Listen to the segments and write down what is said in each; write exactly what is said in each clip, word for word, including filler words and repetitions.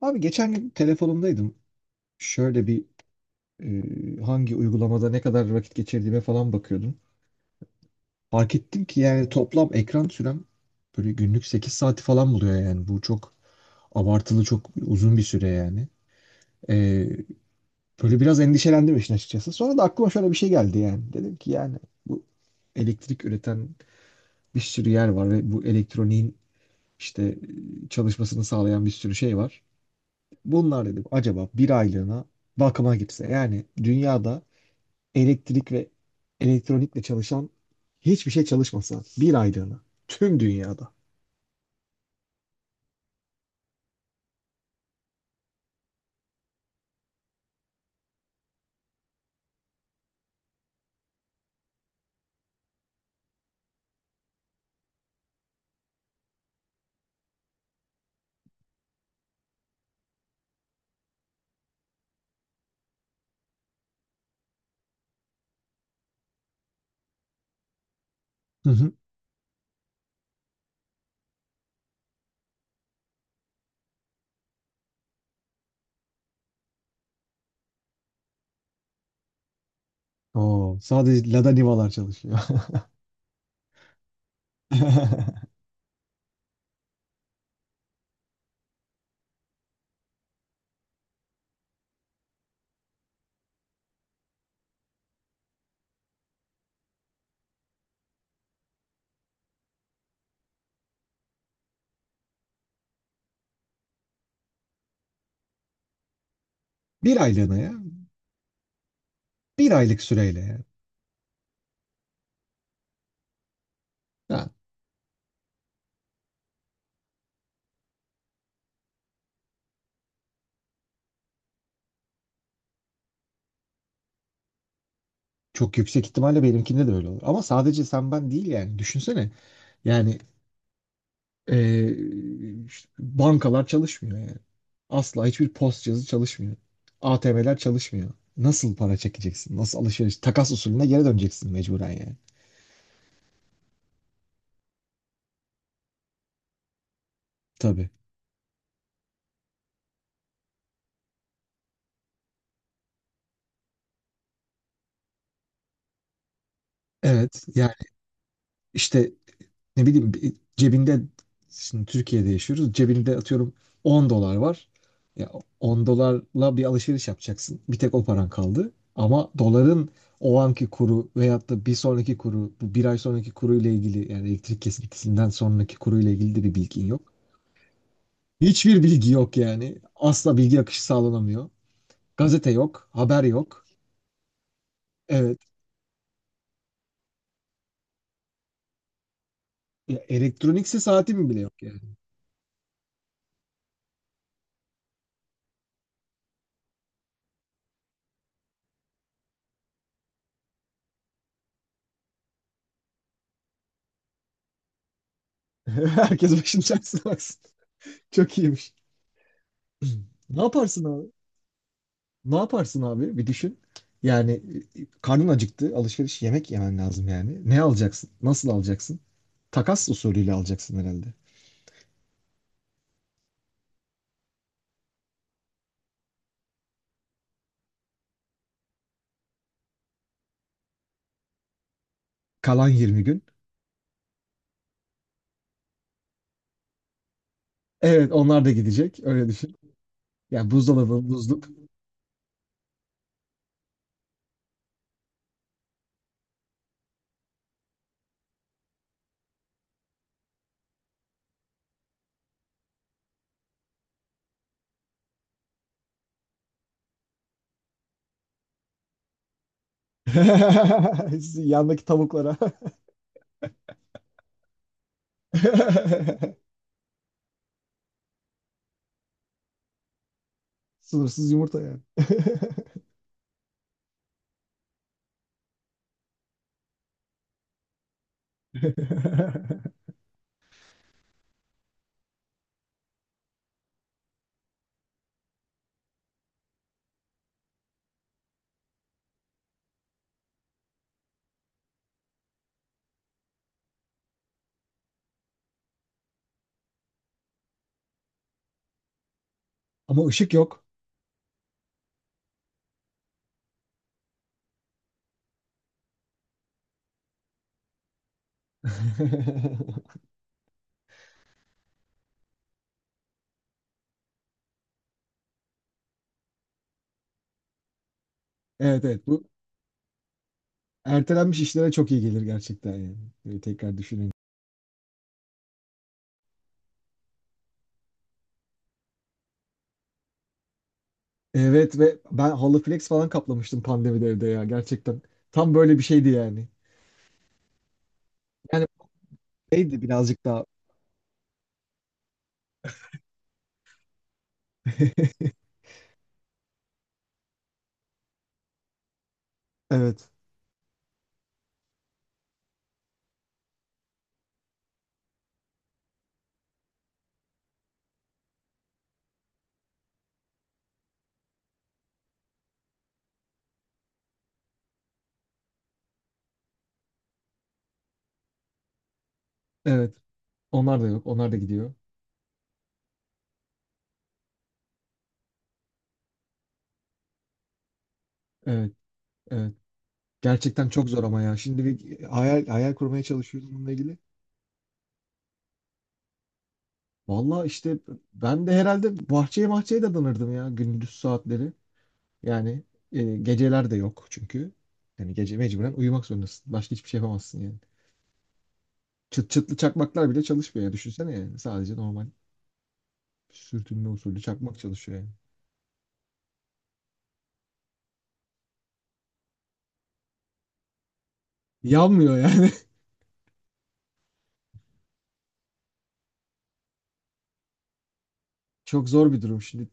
Abi geçen gün telefonumdaydım. Şöyle bir e, hangi uygulamada ne kadar vakit geçirdiğime falan bakıyordum. Fark ettim ki yani toplam ekran sürem böyle günlük sekiz saati falan buluyor yani. Bu çok abartılı, çok uzun bir süre yani. E, Böyle biraz endişelendim işin açıkçası. Sonra da aklıma şöyle bir şey geldi yani. Dedim ki yani bu elektrik üreten bir sürü yer var ve bu elektroniğin işte e, çalışmasını sağlayan bir sürü şey var. Bunlar dedim acaba bir aylığına bakıma gitse. Yani dünyada elektrik ve elektronikle çalışan hiçbir şey çalışmasa bir aylığına tüm dünyada. Hı hı. Oo, sadece Lada Niva'lar çalışıyor. Bir aylığına ya. Bir aylık süreyle ya. Çok yüksek ihtimalle benimkinde de öyle olur. Ama sadece sen ben değil yani. Düşünsene. Yani eee, işte bankalar çalışmıyor yani. Asla hiçbir post cihazı çalışmıyor. A T M'ler çalışmıyor. Nasıl para çekeceksin? Nasıl alışveriş? Takas usulüne geri döneceksin mecburen yani. Tabii. Evet. Yani işte ne bileyim bir- cebinde, şimdi Türkiye'de yaşıyoruz, cebinde atıyorum 10 dolar var. Ya on dolarla bir alışveriş yapacaksın. Bir tek o paran kaldı. Ama doların o anki kuru veyahut da bir sonraki kuru, bu bir ay sonraki kuru ile ilgili, yani elektrik kesintisinden sonraki kuru ile ilgili de bir bilgin yok. Hiçbir bilgi yok yani. Asla bilgi akışı sağlanamıyor. Gazete yok, haber yok. Evet. Ya elektronikse saatim bile yok yani. Herkes başının çaresine baksın. Çok iyiymiş. Ne yaparsın abi? Ne yaparsın abi? Bir düşün. Yani e, karnın acıktı, alışveriş yemek yemen lazım yani. Ne alacaksın? Nasıl alacaksın? Takas usulüyle alacaksın herhalde. Kalan yirmi gün. Evet, onlar da gidecek. Öyle düşün. Yani buzdolabı, buzluk. Sizin yandaki tavuklara. Sınırsız yumurta yani. Ama ışık yok. Evet, evet, bu ertelenmiş işlere çok iyi gelir gerçekten yani. Böyle tekrar düşününce. Evet, ve ben halı flex falan kaplamıştım pandemide evde ya, gerçekten. Tam böyle bir şeydi yani. Yani neydi birazcık daha. Evet. Evet. Onlar da yok. Onlar da gidiyor. Evet. Evet. Gerçekten çok zor ama ya. Şimdi bir hayal hayal kurmaya çalışıyoruz bununla ilgili. Vallahi işte ben de herhalde bahçeye bahçeye dadanırdım ya gündüz saatleri. Yani e, geceler de yok çünkü. Yani gece mecburen uyumak zorundasın. Başka hiçbir şey yapamazsın yani. Çıt çıtlı çakmaklar bile çalışmıyor ya. Düşünsene yani. Sadece normal. Sürtünme usulü çakmak çalışıyor yani. Yanmıyor yani. Çok zor bir durum şimdi.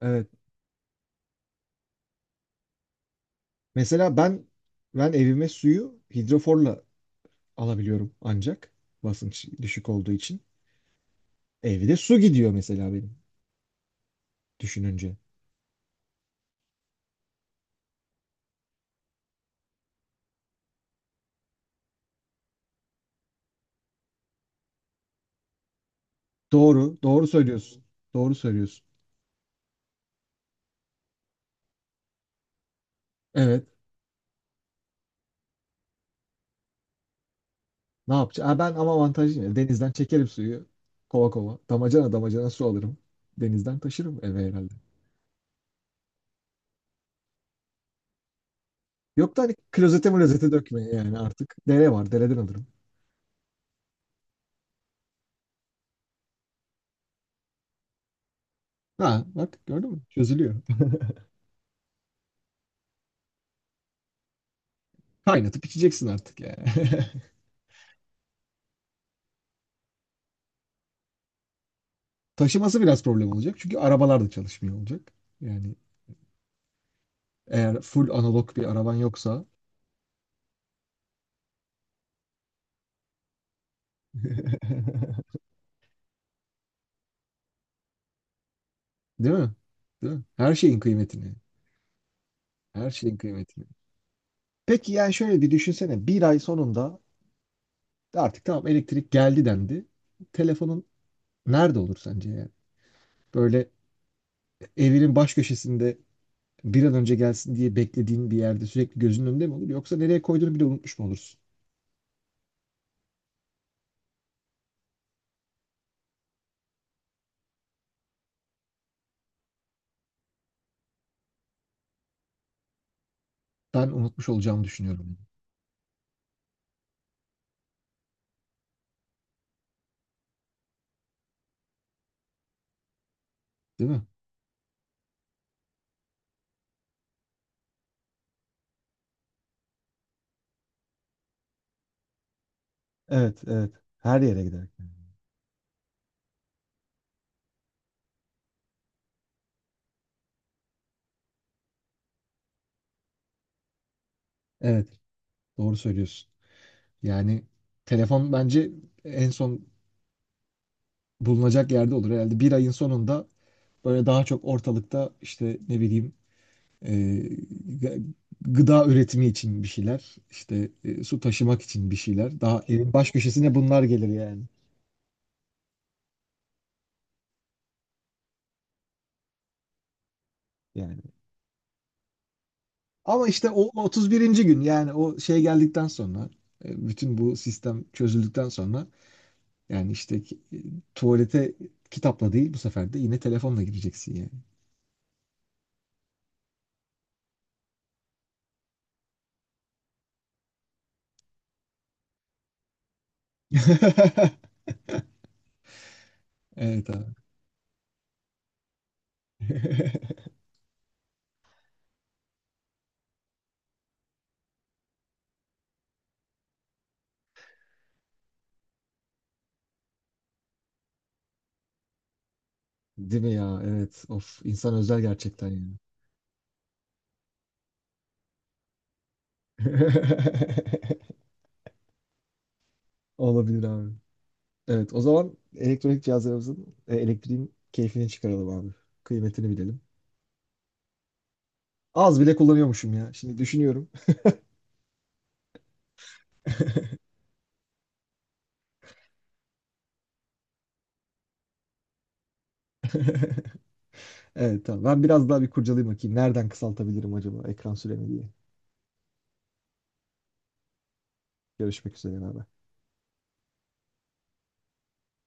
Evet. Mesela ben ben evime suyu hidroforla alabiliyorum ancak, basınç düşük olduğu için. Evde su gidiyor mesela benim, düşününce. Doğru, doğru söylüyorsun. Doğru söylüyorsun. Evet. Ne yapacağım? Ha, ben ama avantajlıyım ya. Denizden çekerim suyu. Kova kova, damacana damacana su alırım. Denizden taşırım eve herhalde. Yok da hani klozete mlozete dökmeye yani artık. Dere var. Dereden alırım. Ha bak, gördün mü? Çözülüyor. Kaynatıp içeceksin artık yani. Taşıması biraz problem olacak. Çünkü arabalar da çalışmıyor olacak. Yani eğer full analog bir araban yoksa. Değil mi? Değil mi? Her şeyin kıymetini. Her şeyin kıymetini. Peki yani şöyle bir düşünsene. Bir ay sonunda artık tamam, elektrik geldi dendi. Telefonun nerede olur sence yani? Böyle evinin baş köşesinde, bir an önce gelsin diye beklediğin bir yerde, sürekli gözünün önünde mi olur? Yoksa nereye koyduğunu bile unutmuş mu olursun? Ben unutmuş olacağımı düşünüyorum. yani, Değil mi? Evet, evet. Her yere giderek. Evet, doğru söylüyorsun. Yani telefon bence en son bulunacak yerde olur. Herhalde bir ayın sonunda böyle daha çok ortalıkta işte ne bileyim e, gı- gıda üretimi için bir şeyler, işte e, su taşımak için bir şeyler. Daha evin baş köşesine bunlar gelir yani. Yani. Ama işte o otuz birinci gün, yani o şey geldikten sonra, e, bütün bu sistem çözüldükten sonra, yani işte ki- tuvalete kitapla değil, bu sefer de yine telefonla gireceksin yani. Evet abi. Değil mi ya? Evet. Of, insan özler gerçekten yani. Olabilir abi. Evet, o zaman elektronik cihazlarımızın, e, elektriğin keyfini çıkaralım abi. Kıymetini bilelim. Az bile kullanıyormuşum ya. Şimdi düşünüyorum. Evet tamam. Ben biraz daha bir kurcalayayım bakayım. Nereden kısaltabilirim acaba ekran süremi diye. Görüşmek üzere. abi.